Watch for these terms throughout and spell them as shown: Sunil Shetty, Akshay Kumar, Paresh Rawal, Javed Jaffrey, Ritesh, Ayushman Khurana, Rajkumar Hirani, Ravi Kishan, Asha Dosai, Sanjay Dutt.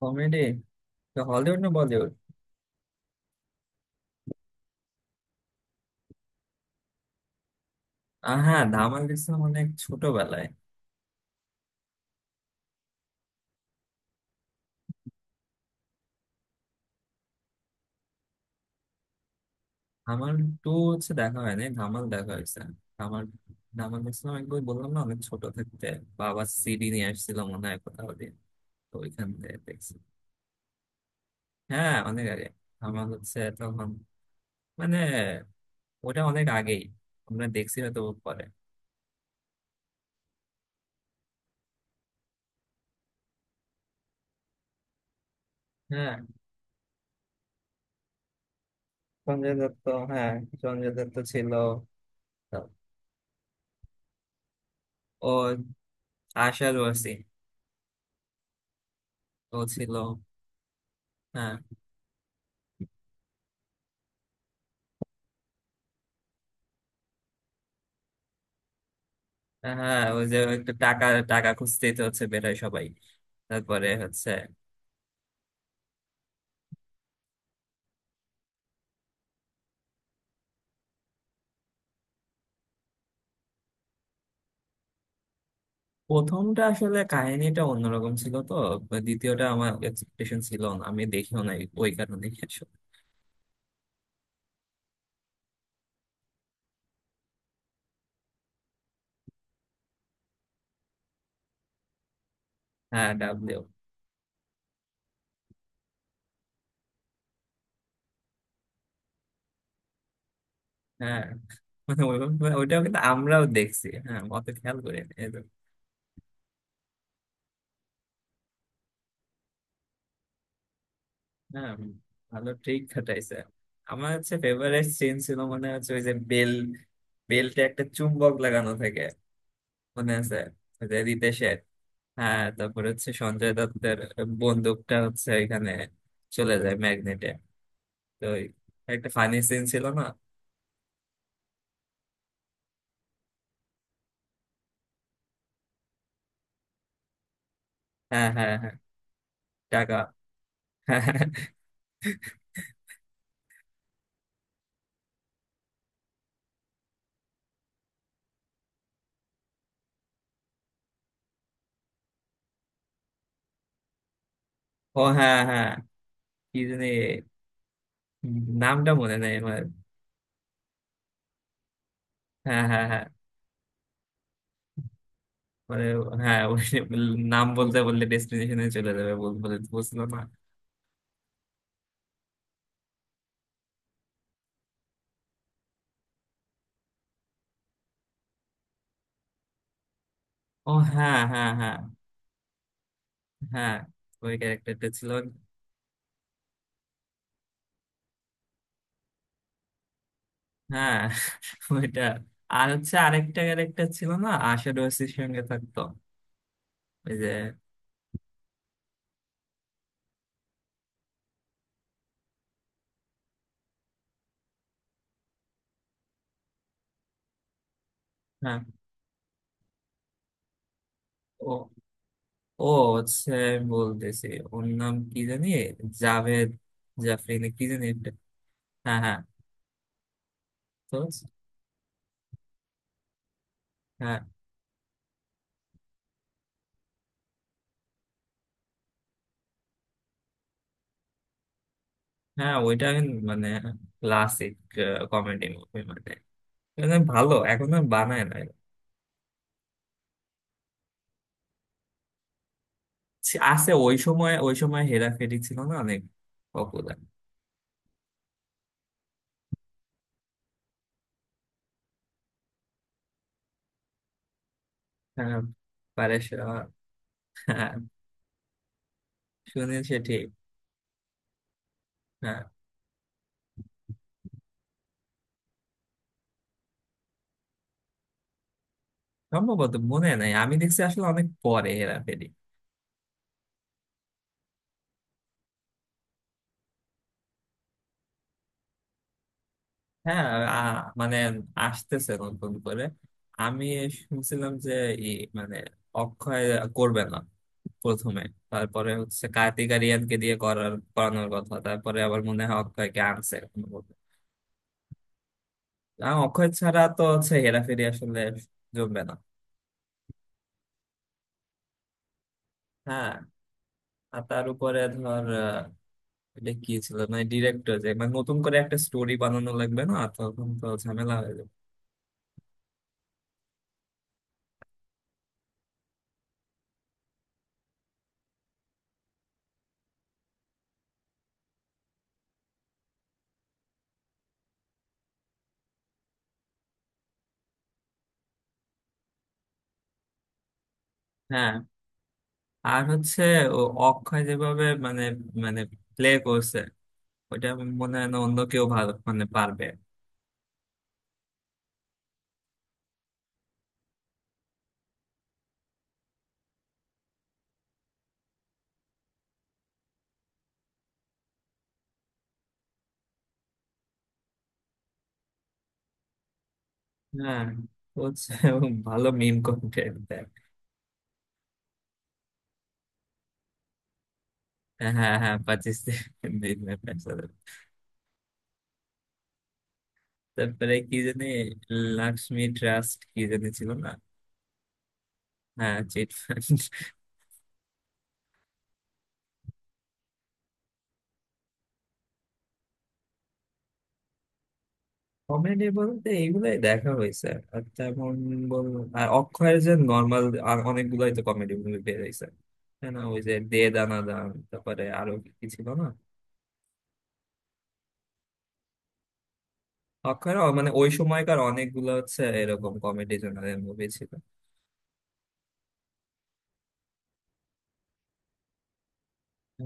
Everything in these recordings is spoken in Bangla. কমেডি। হলিউড না বলিউড? হ্যাঁ, ধামাল দেখছিলাম অনেক ছোটবেলায়। ধামাল টু হচ্ছে দেখা হয়নি, ধামাল দেখা হয়েছে। ধামাল ধামাল দেখছিলাম একবার, বললাম না, অনেক ছোট থাকতে বাবা সিডি নিয়ে আসছিল মনে হয় কোথাও দিয়ে, তো ওইখান থেকে দেখছি। হ্যাঁ অনেক আগে, ধামাল হচ্ছে তখন, মানে ওটা অনেক আগেই, আমরা দেখছি হয়তো পরে। হ্যাঁ, সঞ্জয় দত্ত। হ্যাঁ, সঞ্জয় দত্ত ছিল। ও আশা রয়েছে, ও ছিল। হ্যাঁ হ্যাঁ, ওই যে একটু টাকা টাকা খুঁজতেই তো হচ্ছে বের হয় সবাই, তারপরে হচ্ছে প্রথমটা আসলে কাহিনীটা অন্যরকম ছিল তো। দ্বিতীয়টা আমার এক্সপেকটেশন ছিল না, আমি দেখিও নাই ওই কারণে আসলে। হ্যাঁ, ডাবলিউ। হ্যাঁ। মানে ওইটাও কিন্তু আমরাও দেখছি, হ্যাঁ অত খেয়াল করি নি। এই যে, হ্যাঁ ভালো ট্রিক খাটাইছে। আমার হচ্ছে ফেভারিট সিন ছিল, মানে হচ্ছে ওই যে বেল, বেলটা একটা চুম্বক লাগানো থাকে, মনে আছে ওই যে রিতেশের। হ্যাঁ, তারপর হচ্ছে সঞ্জয় দত্তের বন্দুকটা হচ্ছে এখানে চলে যায় ম্যাগনেটে। তো ওই, একটা ফানি সিন ছিল না? হ্যাঁ হ্যাঁ হ্যাঁ, টাকা। ও হ্যাঁ হ্যাঁ। কি জানি, নামটা মনে নেই আমার। হ্যাঁ হ্যাঁ হ্যাঁ। মানে হ্যাঁ ওই, নাম বলতে বললে ডেস্টিনেশনে চলে যাবে, বলে বুঝলো না। ও হ্যাঁ হ্যাঁ হ্যাঁ। হ্যাঁ, ওই ক্যারেক্টারটা ছিল। হ্যাঁ, ওইটা। আর হচ্ছে আরেকটা ক্যারেক্টার ছিল না, আশা ডোসির সঙ্গে থাকতো ওই যে। হ্যাঁ। ও ও হচ্ছে, আমি বলতেছি, ওর নাম কি জানি জাভেদ জাফরি না কি জানি একটা। হ্যাঁ হ্যাঁ। তো হ্যাঁ হ্যাঁ, ওইটা আমি মানে ক্লাসিক কমেডি মুভি, মানে মানে ভালো এখন আর বানায় না। আছে, ওই সময় হেরাফেরি ছিল না, অনেক পপুলার। হ্যাঁ, পারেশ রাওয়াল, হ্যাঁ, সুনীল শেঠি। হ্যাঁ সম্ভবত মনে নাই, আমি দেখছি আসলে অনেক পরে হেরাফেরি। হ্যাঁ আ- মানে আসতেছে নতুন করে। আমি শুনছিলাম যে ই মানে অক্ষয় করবে না প্রথমে, তারপরে হচ্ছে কার্তিক আরিয়ানকে দিয়ে করার করানোর কথা, তারপরে আবার মনে হয় অক্ষয়কে আনছে কোনো মতে। অক্ষয় ছাড়া তো হচ্ছে হেরাফেরি আসলে জমবে না। হ্যাঁ, আর তার উপরে ধর এটা কি ছিল মানে, ডিরেক্টর যে মানে নতুন করে একটা স্টোরি বানানো লাগবে না, তখন তো ঝামেলা হয়ে যাবে। হ্যাঁ, আর হচ্ছে ও, অক্ষয় যেভাবে মানে মানে প্লে করছে ওটা, মনে হয় না অন্য কেউ ভালো মানে পারবে। হ্যাঁ, ও হচ্ছে ও ভালো মিম কন্টেন্ট দেয়। হ্যাঁ হ্যাঁ, পাকিস্তান। তারপরে কি জানি, লক্ষ্মী ট্রাস্ট কি জানি ছিল না। হ্যাঁ, চিট ফান্ড। কমেডি বলতে এইগুলাই দেখা হয়েছে, আর তেমন, বল, আর অক্ষয়ের যে নর্মাল, আর অনেকগুলাই তো কমেডি মুভি বের হয়েছে, তাই না? ওই যে দে দানা দান, তারপরে আরো কি ছিল না? অক্ষয় রাও, মানে ওই সময়কার অনেকগুলো হচ্ছে এরকম কমেডি জোনারের মুভি ছিল।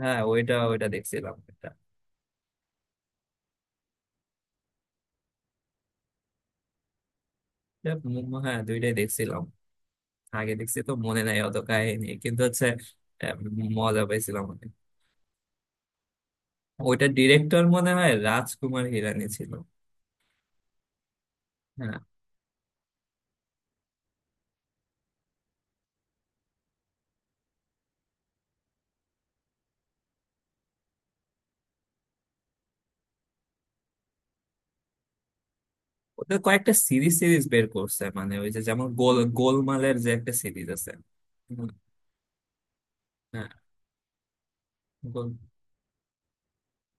হ্যাঁ, ওইটা ওইটা দেখছিলাম এটা। এটা হ্যাঁ, দুইটাই দেখছিলাম, আগে দেখছি তো মনে নাই অত কাহিনী কিন্তু হচ্ছে। আহ, মজা পাইছিলাম অনেক। ওইটার ডিরেক্টর মনে হয় রাজকুমার হিরানি ছিল। হ্যাঁ। ওদের কয়েকটা সিরিজ সিরিজ বের করছে, মানে ওই যে যেমন গোলমালের যে একটা সিরিজ আছে। হুম, হ্যাঁ গোল।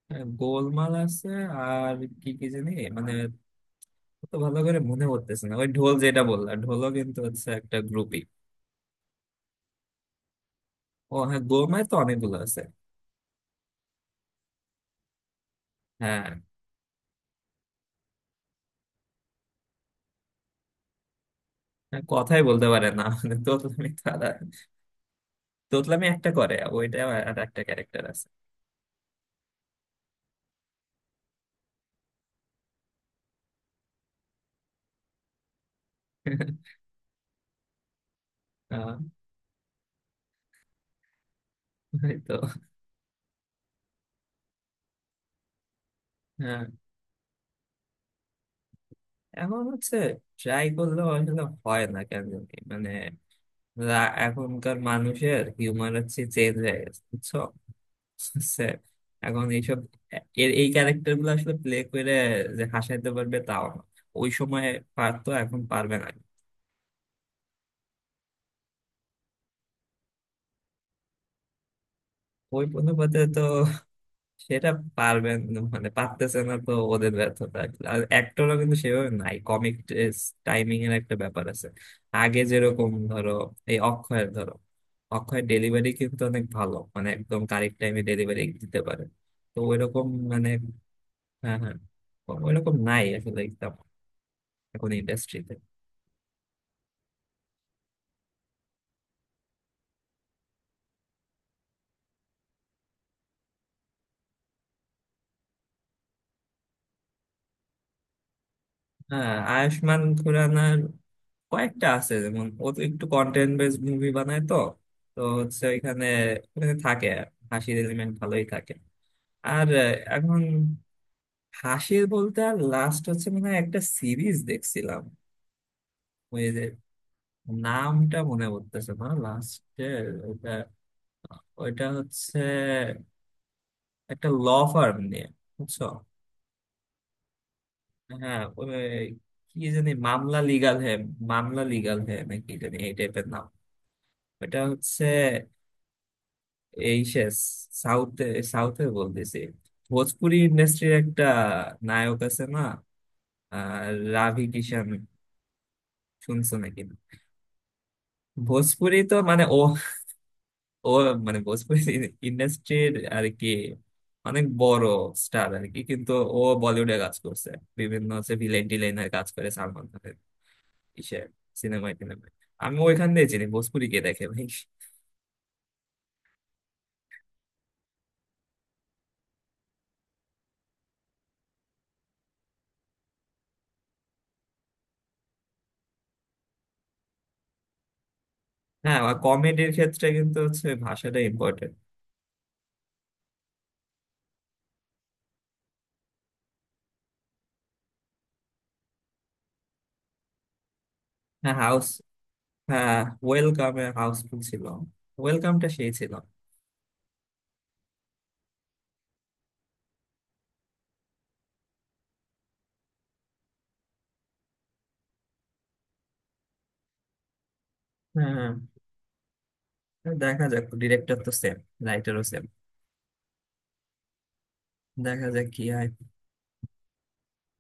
হ্যাঁ, গোলমাল আছে, আর কি কি জানি, মানে, তো ভালো করে মনে পড়তেছে না, ওই ঢোল যেটা বললা, ঢোলও কিন্তু হচ্ছে একটা গ্রুপই। ও হ্যাঁ, গোমায় তো অনেকগুলো আছে। হ্যাঁ। হ্যাঁ, কথাই বলতে পারে না, মানে তোতলামি তারা, তোতলামি একটা করে ওইটা। আর একটা ক্যারেক্টার আছে। আহ, এই তো। হ্যাঁ এখন হচ্ছে ট্রাই করলেও আসলে হয় না কেন জানি। মানে, এখনকার মানুষের হিউমার হচ্ছে চেঞ্জ হয়ে গেছে বুঝছো? বুঝছে? এখন এইসব এই ক্যারেক্টার গুলো আসলে প্লে করে যে হাসাইতে পারবে তাও না। ওই সময় পারতো, এখন পারবে না। ওই অনুপাতে তো সেটা পারবেন, মানে পারতেছে না, তো ওদের ব্যর্থতা। আর অ্যাক্টরও কিন্তু সেভাবে নাই, কমিক টাইমিং এর একটা ব্যাপার আছে। আগে যেরকম ধরো, এই অক্ষয়ের ধরো, অক্ষয়ের ডেলিভারি কিন্তু অনেক ভালো, মানে একদম কারেক্ট টাইমে ডেলিভারি দিতে পারে। তো ওইরকম, মানে, হ্যাঁ হ্যাঁ, ওইরকম নাই আসলে একদম এখন ইন্ডাস্ট্রিতে। হ্যাঁ আয়ুষ্মান খুরানার কয়েকটা আছে যেমন, ও তো একটু কন্টেন্ট বেস মুভি বানায় তো, তো হচ্ছে এখানে ওখানে থাকে হাসির এলিমেন্ট ভালোই থাকে। আর এখন হাসির বলতে আর লাস্ট হচ্ছে মনে হয় একটা সিরিজ দেখছিলাম, ওই যে, নামটা মনে পড়তেছে না লাস্টের। ওটা ওইটা হচ্ছে একটা ল ফার্ম নিয়ে, বুঝছো? হ্যাঁ ওই কি জানি, মামলা লিগাল হ্যাঁ, মামলা লিগাল হ্যাঁ নাকি জানি এই টাইপের নাম। এটা হচ্ছে এই সে সাউথে, সাউথে বলতেছি ভোজপুরি ইন্ডাস্ট্রির একটা নায়ক আছে না, আহ, রাভি কিষান, শুনছো নাকি? ভোজপুরি তো মানে ও ও মানে ভোজপুরি ইন্ডাস্ট্রির আর কি, অনেক বড় স্টার আর কি, কিন্তু ও বলিউডে কাজ করছে, বিভিন্ন হচ্ছে ভিলেন টিলেনের কাজ করে, সালমান খানের ইসে সিনেমায় টিনেমায়। আমি ওইখান দিয়ে চিনি, ভোজপুরি কে দেখে ভাই। হ্যাঁ, আর কমেডির ক্ষেত্রে কিন্তু হচ্ছে ভাষাটা ইম্পর্টেন্ট। হ্যাঁ হাউস। হ্যাঁ, ওয়েলকামে হাউসফুল ছিল, ওয়েলকামটা সেই ছিল। হ্যাঁ দেখা যাক, ডিরেক্টর তো সেম, রাইটারও সেম, দেখা যাক কি হয়।